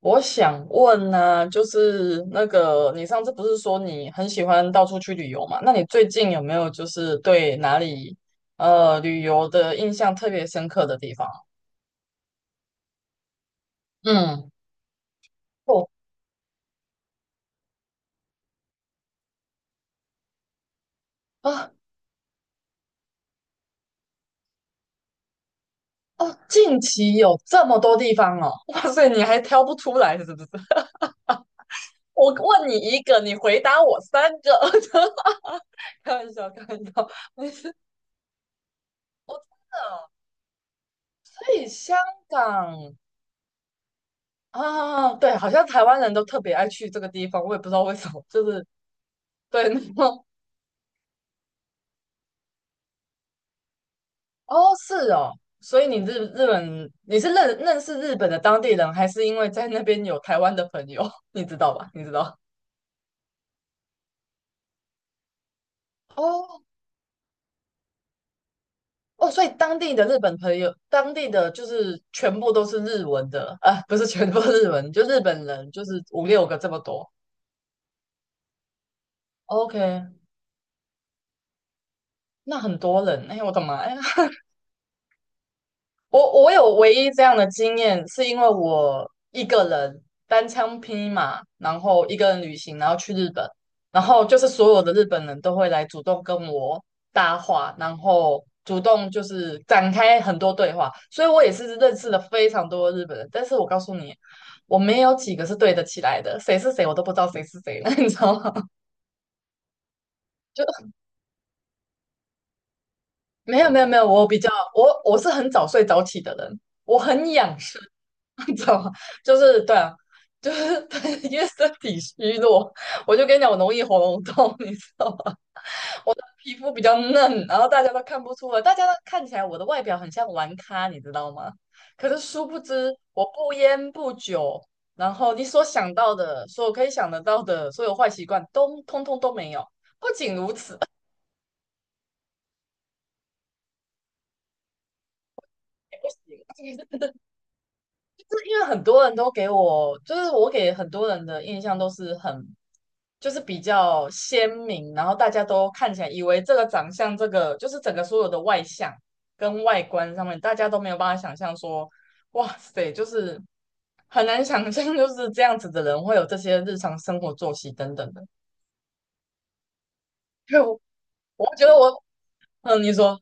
我想问呢、就是那个你上次不是说你很喜欢到处去旅游嘛？那你最近有没有就是对哪里旅游的印象特别深刻的地方？嗯，哦啊哦，近期有这么多地方哦，哇塞，你还挑不出来是不是？我问你一个，你回答我三个，开玩笑，开玩笑，没事，我的对香港。啊，对，好像台湾人都特别爱去这个地方，我也不知道为什么，就是 对，然后 哦，是哦，所以你日本你是认识日本的当地人，还是因为在那边有台湾的朋友？你知道吧？你知道哦哦，所以当地的日本朋友，当地的就是全部都是日文的，啊，不是全部日文，就日本人，就是五六个这么多。OK，那很多人，哎，我的妈呀！我有唯一这样的经验，是因为我一个人单枪匹马，然后一个人旅行，然后去日本，然后就是所有的日本人都会来主动跟我搭话，然后主动就是展开很多对话，所以我也是认识了非常多的日本人。但是我告诉你，我没有几个是对得起来的，谁是谁我都不知道谁是谁了，你知道吗？就。没有没有没有，我比较我我是很早睡早起的人，我很养生，你知道吗？就是对啊，就是 因为身体虚弱，我就跟你讲，我容易喉咙痛，你知道吗？皮肤比较嫩，然后大家都看不出来，大家都看起来我的外表很像玩咖，你知道吗？可是殊不知，我不烟不酒，然后你所想到的，所有可以想得到的所有坏习惯，都通通都没有。不仅如此，因为很多人都给我，就是我给很多人的印象都是很，就是比较鲜明，然后大家都看起来以为这个长相，这个就是整个所有的外向跟外观上面，大家都没有办法想象说，哇塞，就是很难想象，就是这样子的人会有这些日常生活作息等等的。就，我我觉得嗯，你说，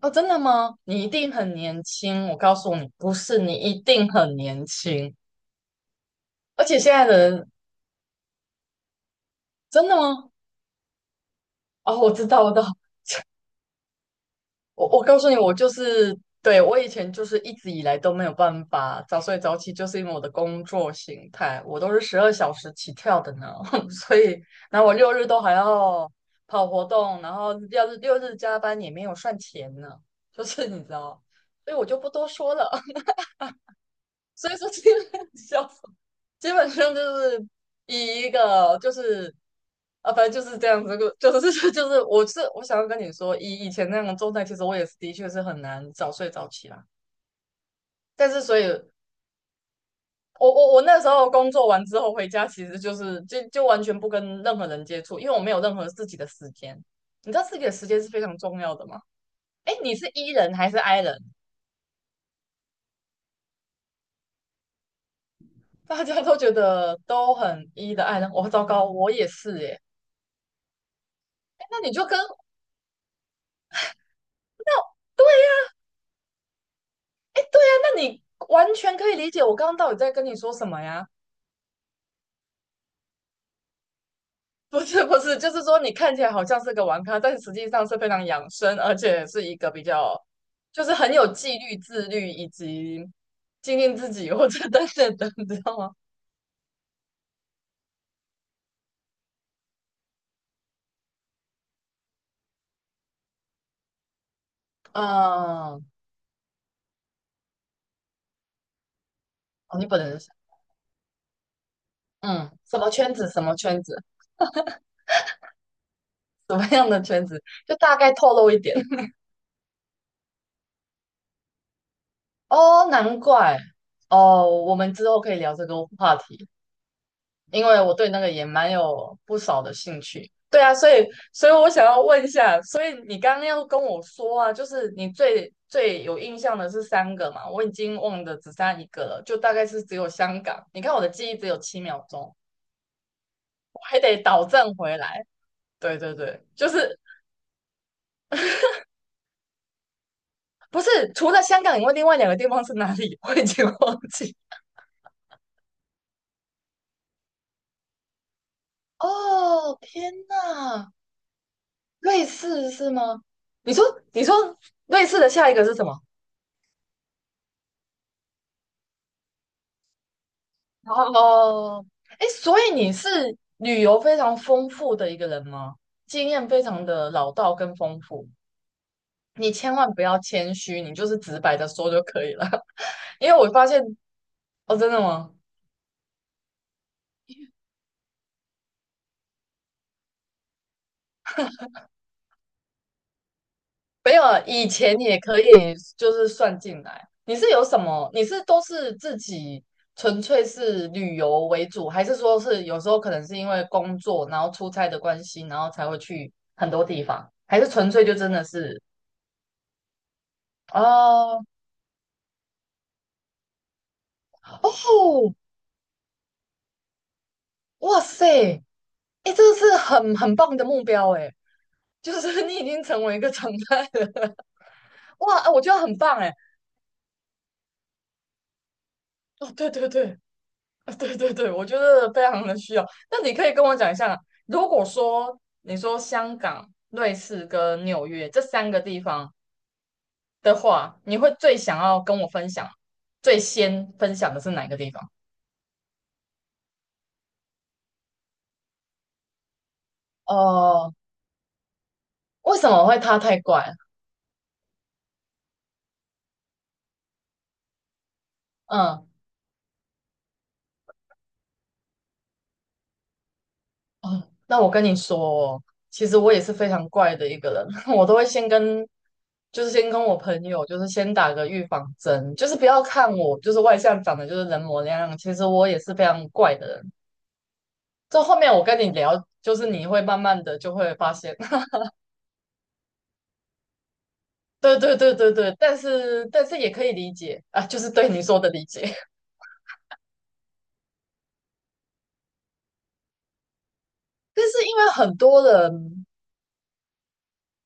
哦，真的吗？你一定很年轻，我告诉你，不是，你一定很年轻，而且现在的人真的吗？哦，我知道，我知道，我告诉你，我就是对我以前就是一直以来都没有办法早睡早起，就是因为我的工作形态，我都是12小时起跳的呢，所以然后我六日都还要跑活动，然后要是六日加班也没有算钱呢，就是你知道，所以我就不多说了。所以说这个 笑基本上就是以一个就是啊，反正就是这样子，就是 就是我是我想要跟你说，以前那样的状态，其实我也是的确是很难早睡早起啦。但是所以，我那时候工作完之后回家，其实就是就完全不跟任何人接触，因为我没有任何自己的时间。你知道自己的时间是非常重要的吗？哎，你是 E 人还是 I 人？大家都觉得都很 E 的 I 人，我、糟糕，我也是耶。诶那你就跟哎，对呀，那你完全可以理解我刚刚到底在跟你说什么呀？不是不是，就是说你看起来好像是个玩咖，但实际上是非常养生，而且是一个比较就是很有纪律、自律以及经营自己或者等等等，你知道吗？嗯，哦，你本人是嗯，什么圈子？什么圈子？什么样的圈子？就大概透露一点。哦，难怪哦，我们之后可以聊这个话题。因为我对那个也蛮有不少的兴趣。对啊，所以我想要问一下，所以你刚刚要跟我说啊，就是你最最有印象的是三个嘛？我已经忘的只剩下一个了，就大概是只有香港。你看我的记忆只有7秒钟，我还得倒正回来。对对对，就是不是除了香港以外，另外两个地方是哪里？我已经忘记。哦，天哪，瑞士是吗？你说你说瑞士的下一个是什么？哦，哎，所以你是旅游非常丰富的一个人吗？经验非常的老道跟丰富，你千万不要谦虚，你就是直白的说就可以了。因为我发现，哦，真的吗？没有啊，以前也可以，就是算进来。你是有什么？你是都是自己纯粹是旅游为主，还是说是有时候可能是因为工作，然后出差的关系，然后才会去很多地方，还是纯粹就真的是？哦哦，哇塞，哎，这个是很棒的目标哎，就是 你已经成为一个常态了。哇，啊我觉得很棒哎。哦，对对对，啊对对对，我觉得非常的需要。那你可以跟我讲一下，如果说你说香港、瑞士跟纽约这三个地方的话，你会最想要跟我分享，最先分享的是哪个地方？哦，为什么会他太怪？嗯。哦，那我跟你说哦其实我也是非常怪的一个人，我都会先跟，就是先跟我朋友，就是先打个预防针，就是不要看我，就是外向长得就是人模人样，其实我也是非常怪的人。这后面我跟你聊，就是你会慢慢的就会发现，对对对对对，但是也可以理解啊，就是对你说的理解，但是因为很多人。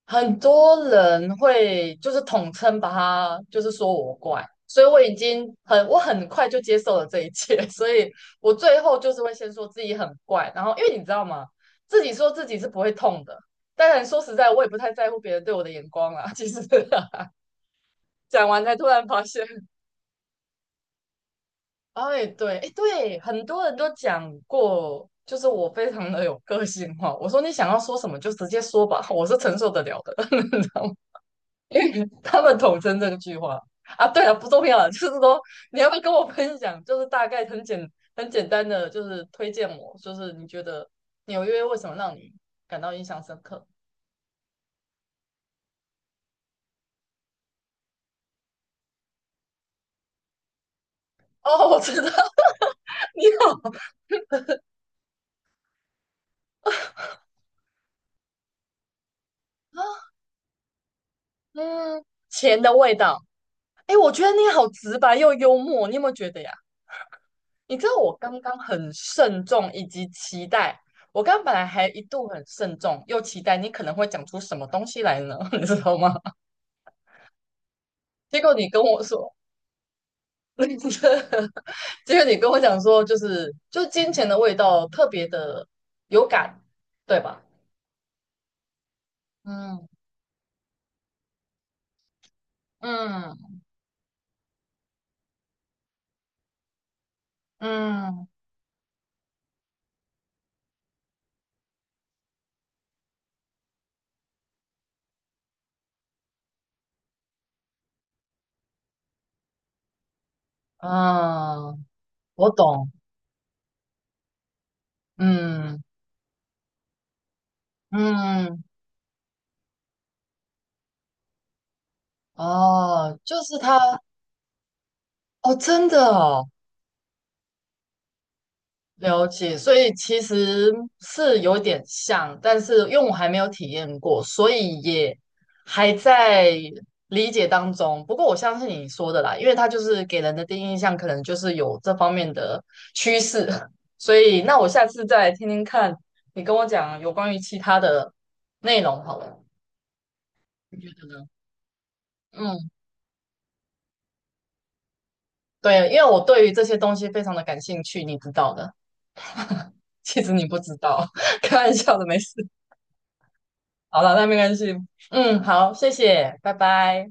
很多人会就是统称把它就是说我怪，所以我已经很我很快就接受了这一切，所以我最后就是会先说自己很怪，然后因为你知道吗，自己说自己是不会痛的。当然说实在，我也不太在乎别人对我的眼光啦。其实 讲完才突然发现，哎，对，哎，对，很多人都讲过，就是我非常的有个性化。我说你想要说什么就直接说吧，我是承受得了的，你知道吗？因为他们统称这句话啊。对了，不重要了，就是说你要不要跟我分享，就是大概很简单的，就是推荐我，就是你觉得纽约为什么让你感到印象深刻？哦，我知道，你好，啊嗯，钱的味道。哎，我觉得你好直白又幽默，你有没有觉得呀？你知道我刚刚很慎重以及期待，我刚刚本来还一度很慎重又期待你可能会讲出什么东西来呢，你知道吗？结果你跟我说。结果你跟我讲说，就是就金钱的味道特别的有感，对吧？嗯嗯嗯嗯，我懂。嗯嗯哦，就是他哦，真的哦，了解，所以其实是有点像，但是因为我还没有体验过，所以也还在理解当中。不过我相信你说的啦，因为它就是给人的第一印象可能就是有这方面的趋势，所以那我下次再听听看你跟我讲有关于其他的内容好了，你觉得呢？嗯，对，因为我对于这些东西非常的感兴趣，你知道的。其实你不知道，开玩笑的，没事。好了，那没关系。嗯，好，谢谢，拜拜。